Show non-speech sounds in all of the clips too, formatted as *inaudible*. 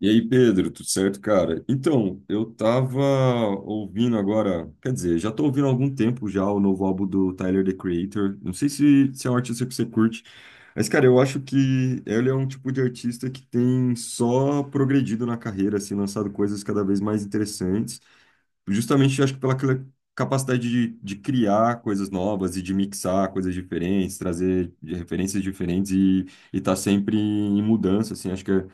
E aí, Pedro, tudo certo, cara? Então, eu tava ouvindo agora, quer dizer, já tô ouvindo há algum tempo já o novo álbum do Tyler, The Creator. Não sei se é um artista que você curte, mas, cara, eu acho que ele é um tipo de artista que tem só progredido na carreira, assim, lançado coisas cada vez mais interessantes. Justamente, acho que pela aquela capacidade de criar coisas novas e de mixar coisas diferentes, trazer referências diferentes e tá sempre em mudança, assim, acho que é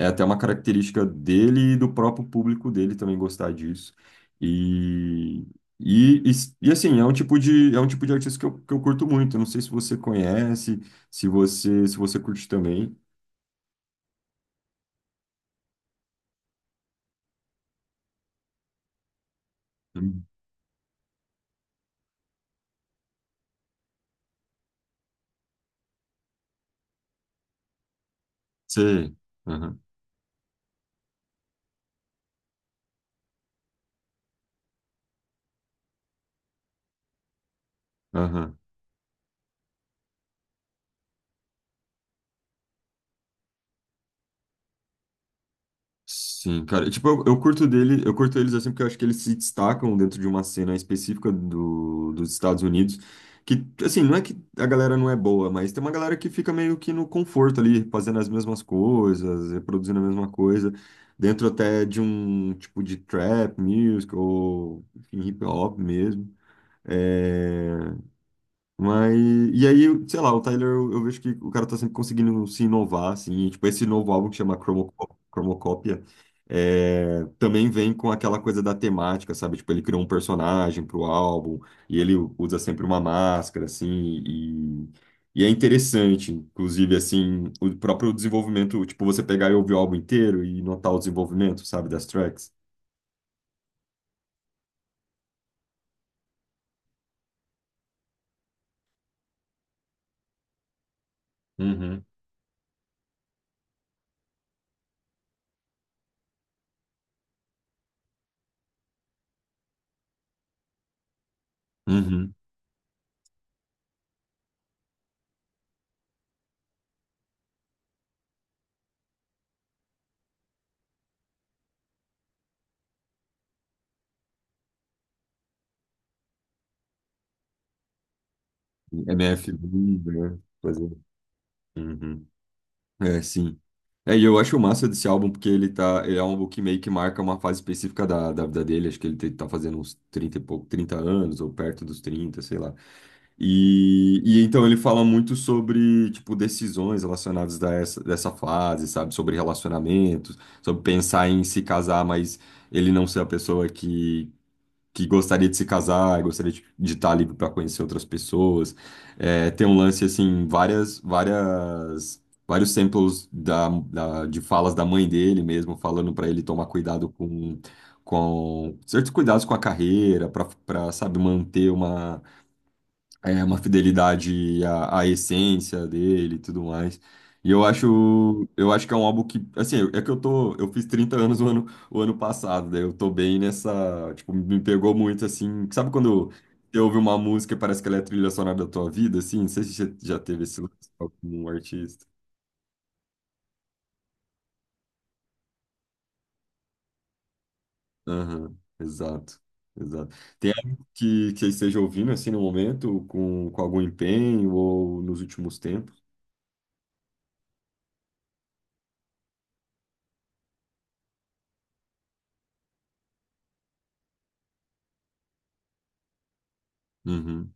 é até uma característica dele e do próprio público dele também gostar disso. E, e, e, assim, é um tipo de, é um tipo de artista que eu curto muito. Eu não sei se você conhece, se você curte também. Você. Aham, aham. Sim, cara. E, tipo, eu curto dele, eu curto eles assim porque eu acho que eles se destacam dentro de uma cena específica dos Estados Unidos. Que, assim, não é que a galera não é boa, mas tem uma galera que fica meio que no conforto ali, fazendo as mesmas coisas, reproduzindo a mesma coisa, dentro até de um tipo de trap music ou enfim, hip hop mesmo. eh, mas, e aí, sei lá, o Tyler, eu vejo que o cara tá sempre conseguindo se inovar, assim, e, tipo, esse novo álbum que chama Cromocópia, é, também vem com aquela coisa da temática, sabe? Tipo, ele criou um personagem pro álbum, e ele usa sempre uma máscara, assim, e, e é interessante, inclusive, assim, o próprio desenvolvimento, tipo, você pegar e ouvir o álbum inteiro e notar o desenvolvimento, sabe, das tracks. Uhum. Uhum. MF, né? Pois é. Uhum. É, sim. É, e eu acho massa desse álbum porque ele tá, ele é um álbum que meio que marca uma fase específica da vida dele, acho que ele tá fazendo uns trinta e pouco, 30 anos ou perto dos 30 sei lá. E então ele fala muito sobre, tipo, decisões relacionadas a essa, dessa fase, sabe? Sobre relacionamentos, sobre pensar em se casar, mas ele não ser a pessoa que gostaria de se casar, gostaria de estar livre para conhecer outras pessoas. É, tem um lance assim, vários samples de falas da mãe dele mesmo, falando para ele tomar cuidado com certos cuidados com a carreira, para, sabe, manter é, uma fidelidade à essência dele e tudo mais. E eu acho que é um álbum que, assim, é que eu tô, eu fiz 30 anos o ano passado, daí eu tô bem nessa, tipo, me pegou muito, assim, sabe quando você ouve uma música e parece que ela é a trilha sonora da tua vida, assim? Não sei se você já teve esse lance com um artista. Aham, exato, exato. Tem algo que você esteja ouvindo, assim, no momento, com algum empenho ou nos últimos tempos? Uhum.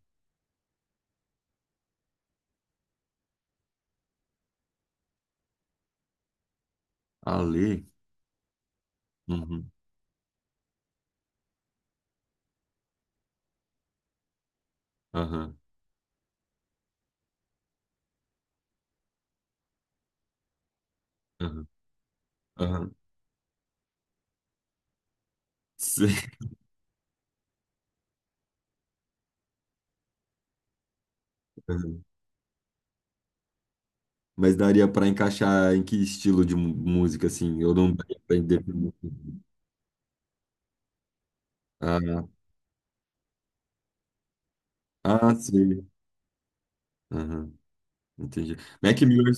Ale? Uhum. Aham. Aham, aham. Sim, aham. Mas daria pra encaixar em que estilo de música, assim? Eu não daria pra definir. Ah, ah, sei. Aham, entendi. Mac Miller,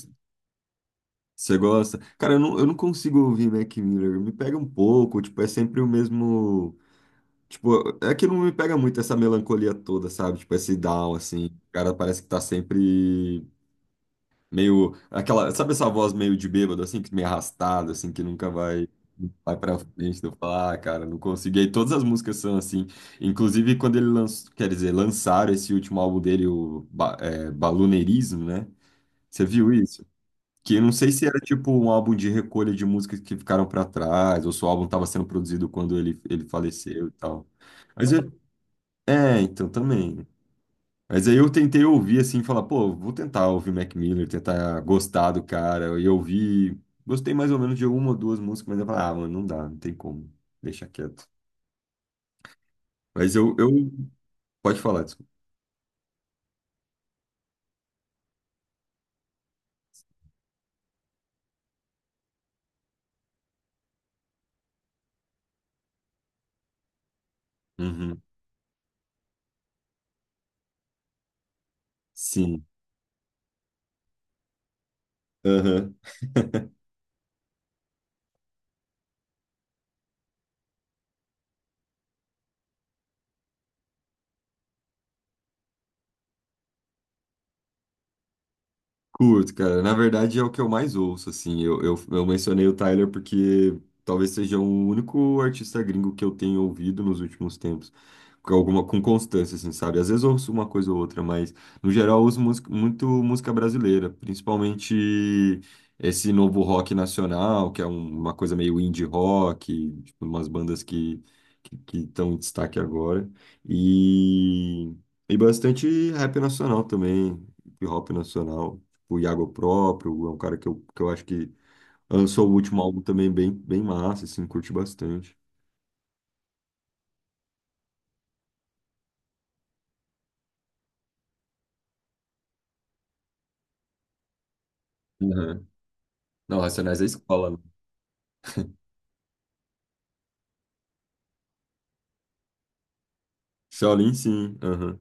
você gosta? Cara, eu não consigo ouvir Mac Miller. Me pega um pouco, tipo, é sempre o mesmo. Tipo, é que não me pega muito essa melancolia toda, sabe? Tipo, esse down, assim. O cara parece que tá sempre. Meio aquela, sabe essa voz meio de bêbado, assim, que meio arrastada, assim, que nunca vai, vai pra frente. Eu falo, ah, cara, não consegui. E aí todas as músicas são assim. Inclusive, quando ele lançou, quer dizer, lançaram esse último álbum dele, o é, Baloneirismo, né? Você viu isso? Que eu não sei se era tipo um álbum de recolha de músicas que ficaram pra trás, ou se o álbum tava sendo produzido quando ele faleceu e tal. Mas eu- É, então também. Mas aí eu tentei ouvir assim, falar, pô, vou tentar ouvir Mac Miller, tentar gostar do cara. E eu ouvi, gostei mais ou menos de uma ou duas músicas, mas eu falei, ah, mano, não dá, não tem como, deixa quieto. Mas eu, eu... Pode falar, desculpa. Uhum. Sim. Aham. *laughs* Curto, cara. Na verdade, é o que eu mais ouço, assim. Eu mencionei o Tyler porque talvez seja o único artista gringo que eu tenho ouvido nos últimos tempos. Com alguma, com constância, assim, sabe? Às vezes eu ouço uma coisa ou outra, mas no geral eu ouço música, muito música brasileira, principalmente esse novo rock nacional, que é uma coisa meio indie rock, tipo, umas bandas que estão em destaque agora. E, e bastante rap nacional também, hip hop nacional o Iago próprio, é um cara que eu acho que lançou o último álbum também bem, bem massa, assim, curti bastante. Uhum. Não, Racionais é escola, né? Shaolin, sim, aham.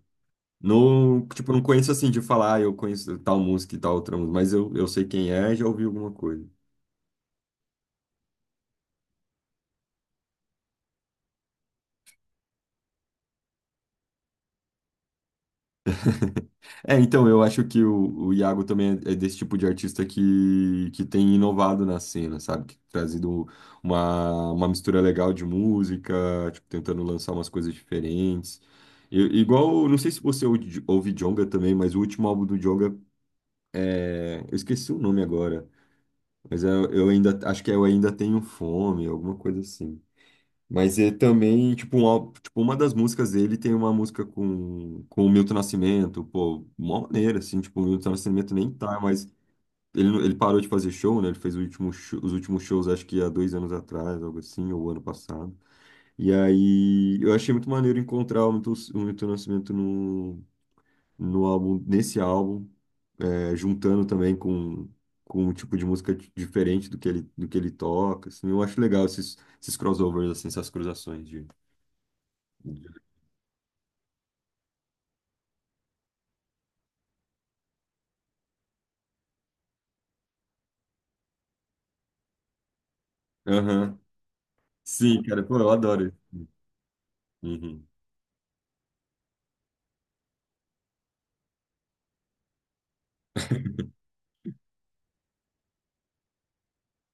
Não, tipo, eu não conheço assim de falar, ah, eu conheço tal música e tal outra música, mas eu sei quem é e já ouvi alguma coisa. É, então, eu acho que o Iago também é desse tipo de artista que tem inovado na cena, sabe? Que tem trazido uma mistura legal de música, tipo, tentando lançar umas coisas diferentes. Igual, não sei se você ouve, ouve Djonga também, mas o último álbum do Djonga é... Eu esqueci o nome agora, mas é- eu ainda, acho que é Eu Ainda Tenho Fome, alguma coisa assim. Mas é também, tipo, um álbum- tipo, uma das músicas dele tem uma música com o Milton Nascimento, pô, mó maneira, assim, tipo, o Milton Nascimento nem tá, mas ele, não- ele parou de fazer show, né? Ele fez o último os últimos shows, acho que há dois anos atrás, algo assim, ou ano passado. E aí eu achei muito maneiro encontrar o Milton Nascimento no álbum, nesse álbum, é, juntando também com um tipo de música diferente do que ele toca, assim, eu acho legal esses, esses crossovers, assim, essas cruzações de. Aham. Sim, cara, pô, eu adoro isso. Uhum.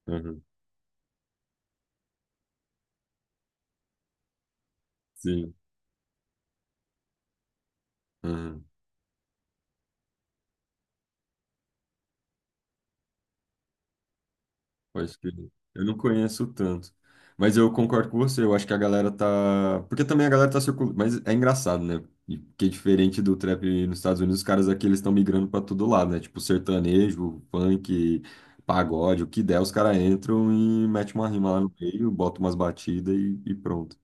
Aham. Sim. Aham. Acho que eu não conheço tanto. Mas eu concordo com você, eu acho que a galera tá. Porque também a galera tá circulando. Mas é engraçado, né? E que é diferente do trap nos Estados Unidos, os caras aqui eles estão migrando pra todo lado, né? Tipo, sertanejo, funk, pagode, o que der, os caras entram e metem uma rima lá no meio, botam umas batidas e pronto.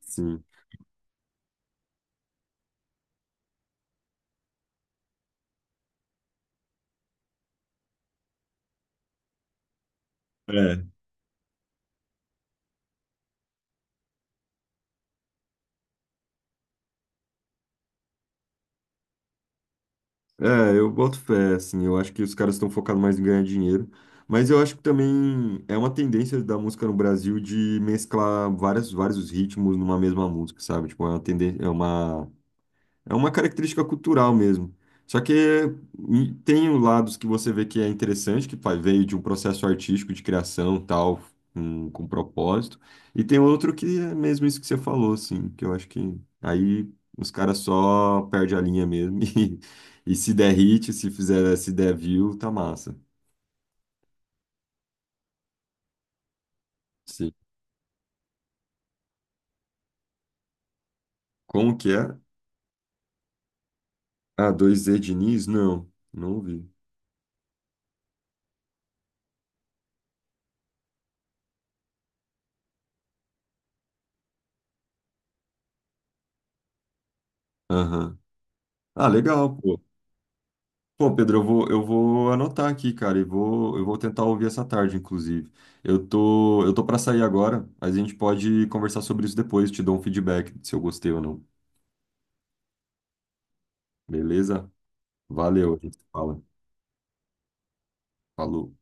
Sim. É. É, eu boto fé, assim, eu acho que os caras estão focados mais em ganhar dinheiro, mas eu acho que também é uma tendência da música no Brasil de mesclar várias, vários ritmos numa mesma música, sabe? Tipo, é uma tendência, é uma característica cultural mesmo. Só que e, tem os lados que você vê que é interessante, que vai- veio de um processo artístico de criação, tal, com propósito. E tem outro que é mesmo isso que você falou, assim, que eu acho que aí os caras só perdem a linha mesmo *laughs* e se der hit, se fizer, se der view, tá massa. Sim. Como que é? Ah, dois z Diniz? Não, não ouvi. Aham. Ah, legal, pô. Pô, Pedro, eu vou anotar aqui, cara, e vou, eu vou tentar ouvir essa tarde, inclusive. Eu tô para sair agora, mas a gente pode conversar sobre isso depois, te dou um feedback se eu gostei ou não. Beleza? Valeu, a gente se fala. Falou.